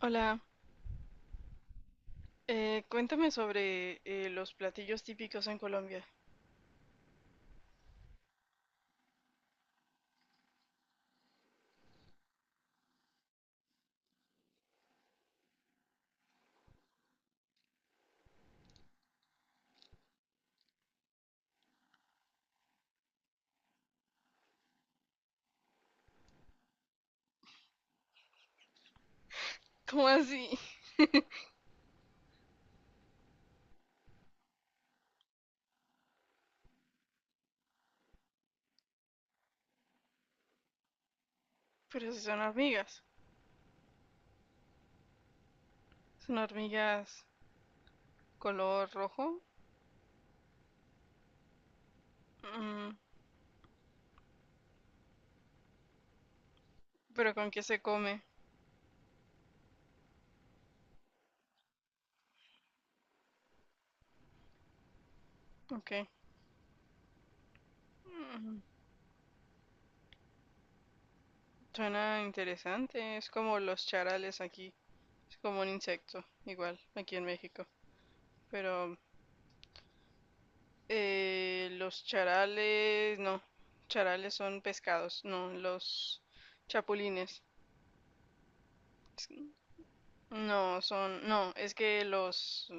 Hola, cuéntame sobre los platillos típicos en Colombia. ¿Cómo así? Pero si son hormigas. Son hormigas color rojo. Mm. Pero, ¿con qué se come? Ok. Mm, Suena interesante. Es como los charales aquí. Es como un insecto, igual, aquí en México. Pero los charales, no. Charales son pescados, no. Los chapulines. No, son, no,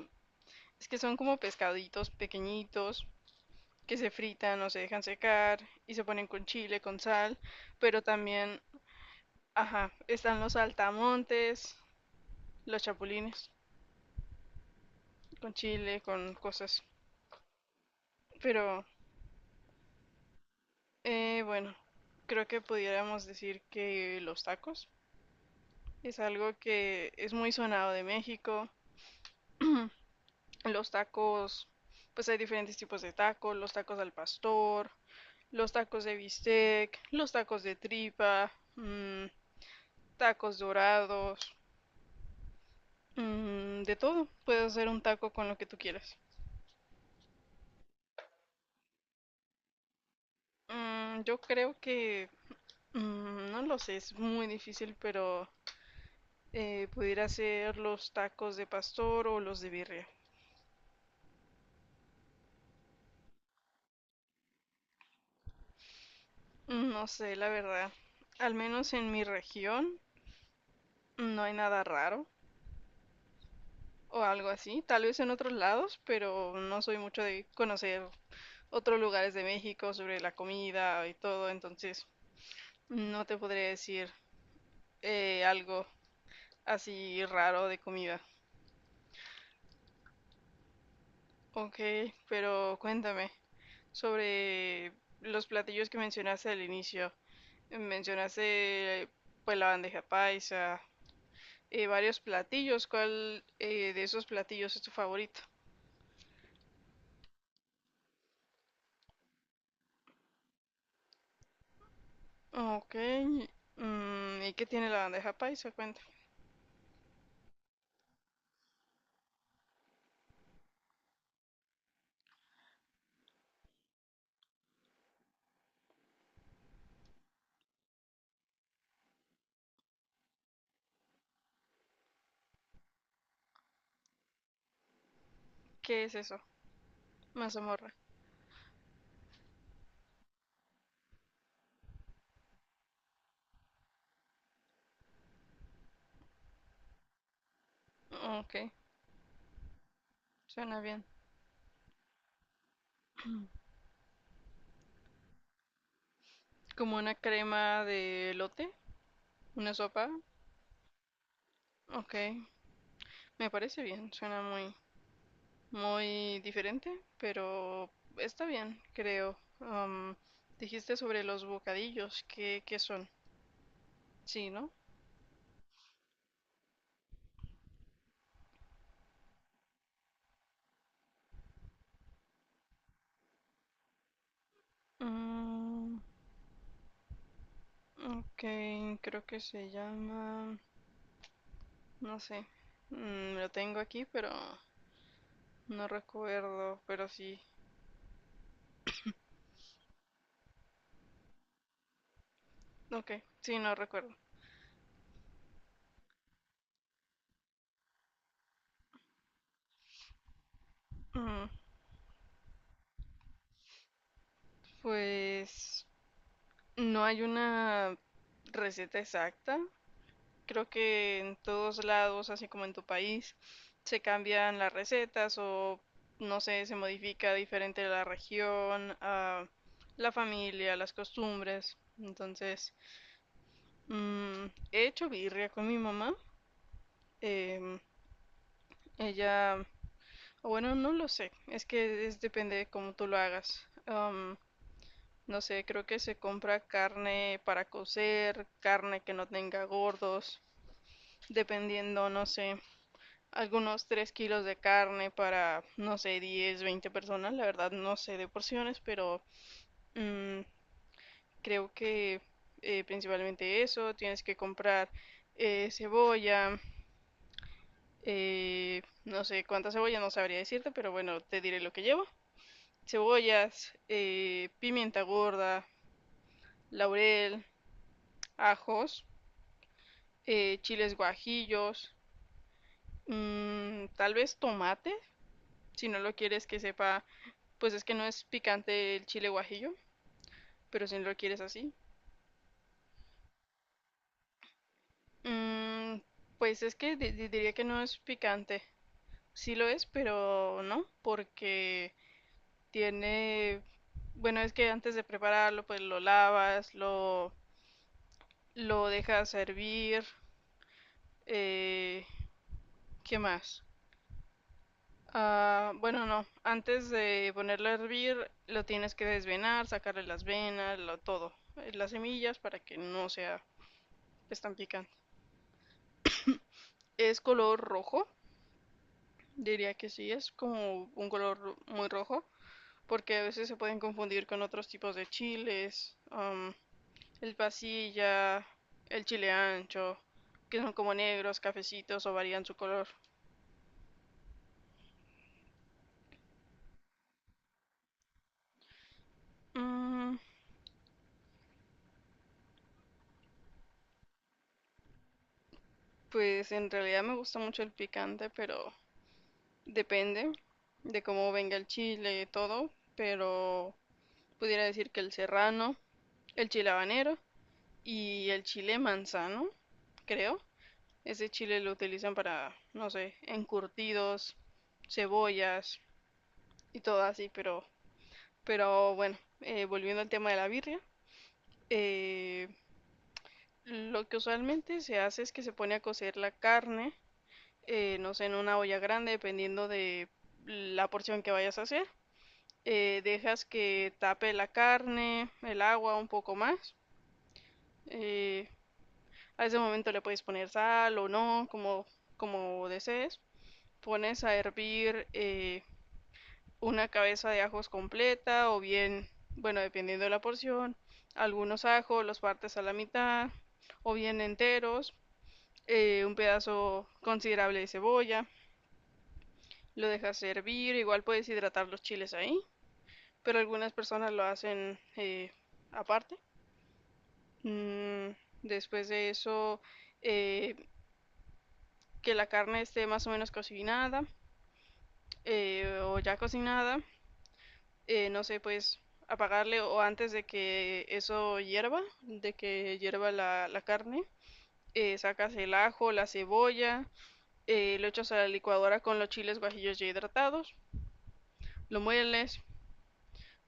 es que son como pescaditos pequeñitos que se fritan o se dejan secar y se ponen con chile, con sal, pero también, ajá, están los saltamontes, los chapulines, con chile, con cosas. Pero, bueno, creo que pudiéramos decir que los tacos es algo que es muy sonado de México. Los tacos, pues hay diferentes tipos de tacos, los tacos al pastor, los tacos de bistec, los tacos de tripa, tacos dorados, de todo. Puedes hacer un taco con lo que tú quieras. Yo creo que, no lo sé, es muy difícil, pero pudiera hacer los tacos de pastor o los de birria. No sé, la verdad. Al menos en mi región no hay nada raro o algo así. Tal vez en otros lados, pero no soy mucho de conocer otros lugares de México sobre la comida y todo, entonces no te podría decir algo así raro de comida. Ok, pero cuéntame sobre los platillos que mencionaste al inicio. Mencionaste pues la bandeja paisa, varios platillos. ¿Cuál de esos platillos es tu favorito? Ok. ¿Y qué tiene la bandeja paisa? Cuéntame. ¿Qué es eso? Mazamorra. Ok, suena bien. Como una crema de lote, una sopa. Ok, me parece bien, suena muy, muy diferente, pero está bien, creo. Dijiste sobre los bocadillos, ¿qué son? Sí, ¿no? Mm, ok, creo que se llama, no sé. Lo tengo aquí, pero no recuerdo, pero sí. Ok, sí, no recuerdo. Mm, pues no hay una receta exacta. Creo que en todos lados, así como en tu país, se cambian las recetas o no sé, se modifica diferente la región, la familia, las costumbres. Entonces, mm, he hecho birria con mi mamá. em, Ella, o bueno, no lo sé, es que es, depende de cómo tú lo hagas. No sé, creo que se compra carne para cocer, carne que no tenga gordos, dependiendo, no sé, algunos 3 kilos de carne para, no sé, 10 20 personas. La verdad no sé de porciones, pero mm, creo que principalmente eso. Tienes que comprar cebolla, no sé cuánta cebolla, no sabría decirte, pero bueno, te diré lo que llevo. Cebollas, pimienta gorda, laurel, ajos, chiles guajillos, tal vez tomate, si no lo quieres que sepa, pues es que no es picante el chile guajillo, pero si no lo quieres así. Mm, pues es que diría que no es picante. Sí lo es, pero no, porque tiene. Bueno, es que antes de prepararlo, pues lo lavas, lo dejas hervir. Eh, ¿Qué más? Ah, bueno, no. Antes de ponerlo a hervir, lo tienes que desvenar, sacarle las venas, todo. Las semillas para que no sea pues, tan picante. Es color rojo. Diría que sí, es como un color muy rojo, porque a veces se pueden confundir con otros tipos de chiles, el pasilla, el chile ancho, que son como negros, cafecitos o varían su color. Mm, pues en realidad me gusta mucho el picante, pero depende de cómo venga el chile y todo, pero pudiera decir que el serrano, el chile habanero y el chile manzano, creo. Ese chile lo utilizan para, no sé, encurtidos, cebollas y todo así, pero, bueno, volviendo al tema de la birria, eh, lo que usualmente se hace es que se pone a cocer la carne, no sé, en una olla grande, dependiendo de la porción que vayas a hacer. Dejas que tape la carne, el agua un poco más. Eh, a ese momento le puedes poner sal o no, como desees. Pones a hervir una cabeza de ajos completa o bien, bueno, dependiendo de la porción, algunos ajos, los partes a la mitad o bien enteros, un pedazo considerable de cebolla, lo dejas hervir, igual puedes hidratar los chiles ahí, pero algunas personas lo hacen aparte. Mm, Después de eso, eh, que la carne esté más o menos cocinada o ya cocinada, no sé, pues apagarle o antes de que eso hierva, de que hierva la carne, sacas el ajo, la cebolla, lo echas a la licuadora con los chiles guajillos ya hidratados, lo mueles.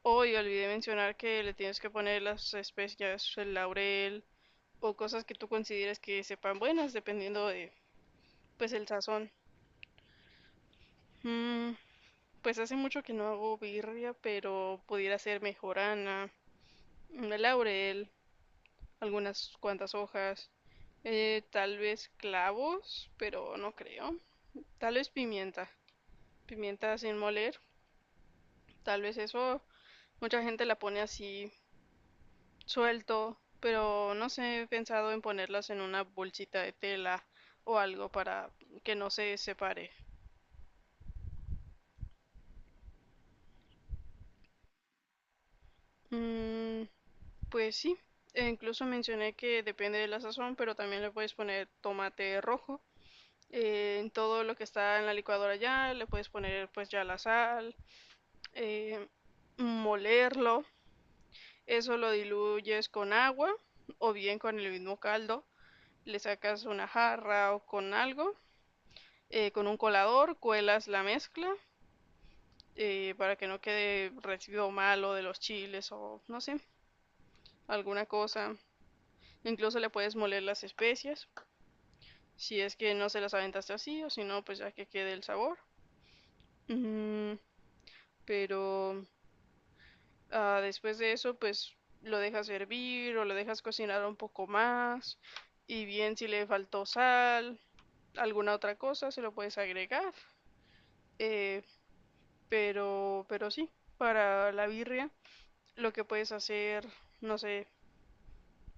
Hoy olvidé mencionar que le tienes que poner las especias, el laurel o cosas que tú consideres que sepan buenas, dependiendo de pues el sazón. Mm, pues hace mucho que no hago birria, pero pudiera ser mejorana, el laurel, algunas cuantas hojas, tal vez clavos, pero no creo. Tal vez pimienta, pimienta sin moler, tal vez eso. Mucha gente la pone así suelto, pero no sé, he pensado en ponerlas en una bolsita de tela o algo para que no se separe. Mm, pues sí, e incluso mencioné que depende de la sazón, pero también le puedes poner tomate rojo. En todo lo que está en la licuadora ya, le puedes poner pues ya la sal, eh, molerlo. Eso lo diluyes con agua o bien con el mismo caldo, le sacas una jarra o con algo, con un colador cuelas la mezcla para que no quede residuo malo de los chiles o no sé, alguna cosa. Incluso le puedes moler las especias, si es que no se las aventaste así o si no, pues ya que quede el sabor. Mm, pero, después de eso, pues lo dejas hervir o lo dejas cocinar un poco más. Y bien, si le faltó sal, alguna otra cosa, se lo puedes agregar. Eh, pero, sí, para la birria, lo que puedes hacer, no sé,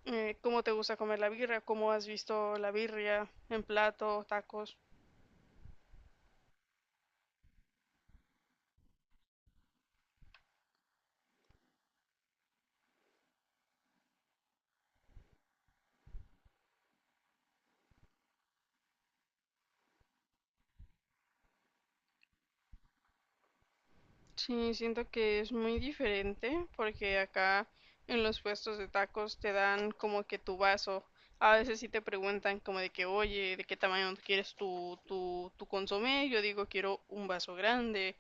cómo te gusta comer la birria, cómo has visto la birria en plato, tacos. Sí, siento que es muy diferente porque acá en los puestos de tacos te dan como que tu vaso. A veces sí te preguntan como de que, oye, ¿de qué tamaño quieres tu consomé? Yo digo, quiero un vaso grande.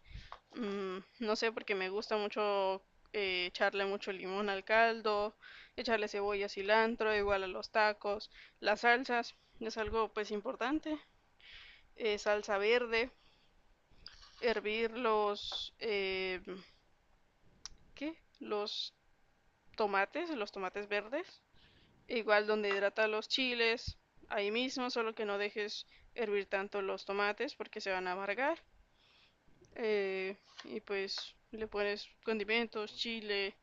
No sé, porque me gusta mucho echarle mucho limón al caldo, echarle cebolla, cilantro, igual a los tacos. Las salsas es algo pues importante. Salsa verde, hervir los, ¿qué? Los tomates verdes. Igual donde hidrata los chiles, ahí mismo, solo que no dejes hervir tanto los tomates porque se van a amargar. Eh, y pues le pones condimentos, chile,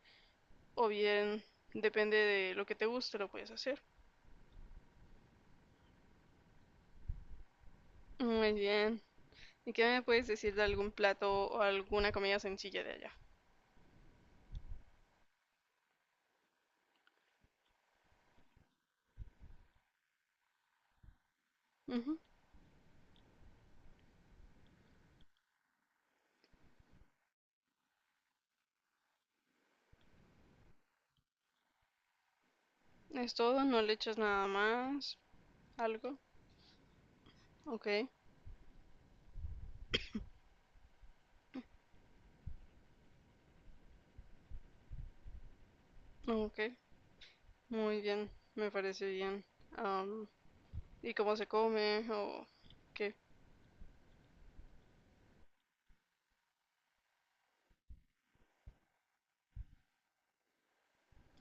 o bien, depende de lo que te guste, lo puedes hacer. Muy bien. ¿Y qué me puedes decir de algún plato o alguna comida sencilla de allá? Ujú. Es todo, no le echas nada más, algo. Ok, ok, muy bien, me parece bien. Am, ¿Y cómo se come o qué?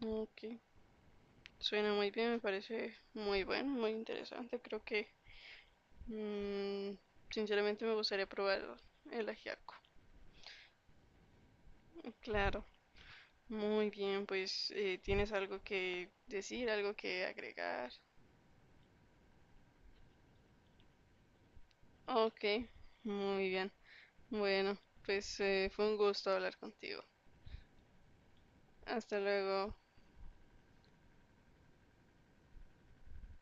Ok, suena muy bien, me parece muy bueno, muy interesante. Creo que mm, sinceramente me gustaría probar el ajiaco. Claro, muy bien. Pues ¿tienes algo que decir, algo que agregar? Ok, muy bien. Bueno, pues fue un gusto hablar contigo. Hasta luego.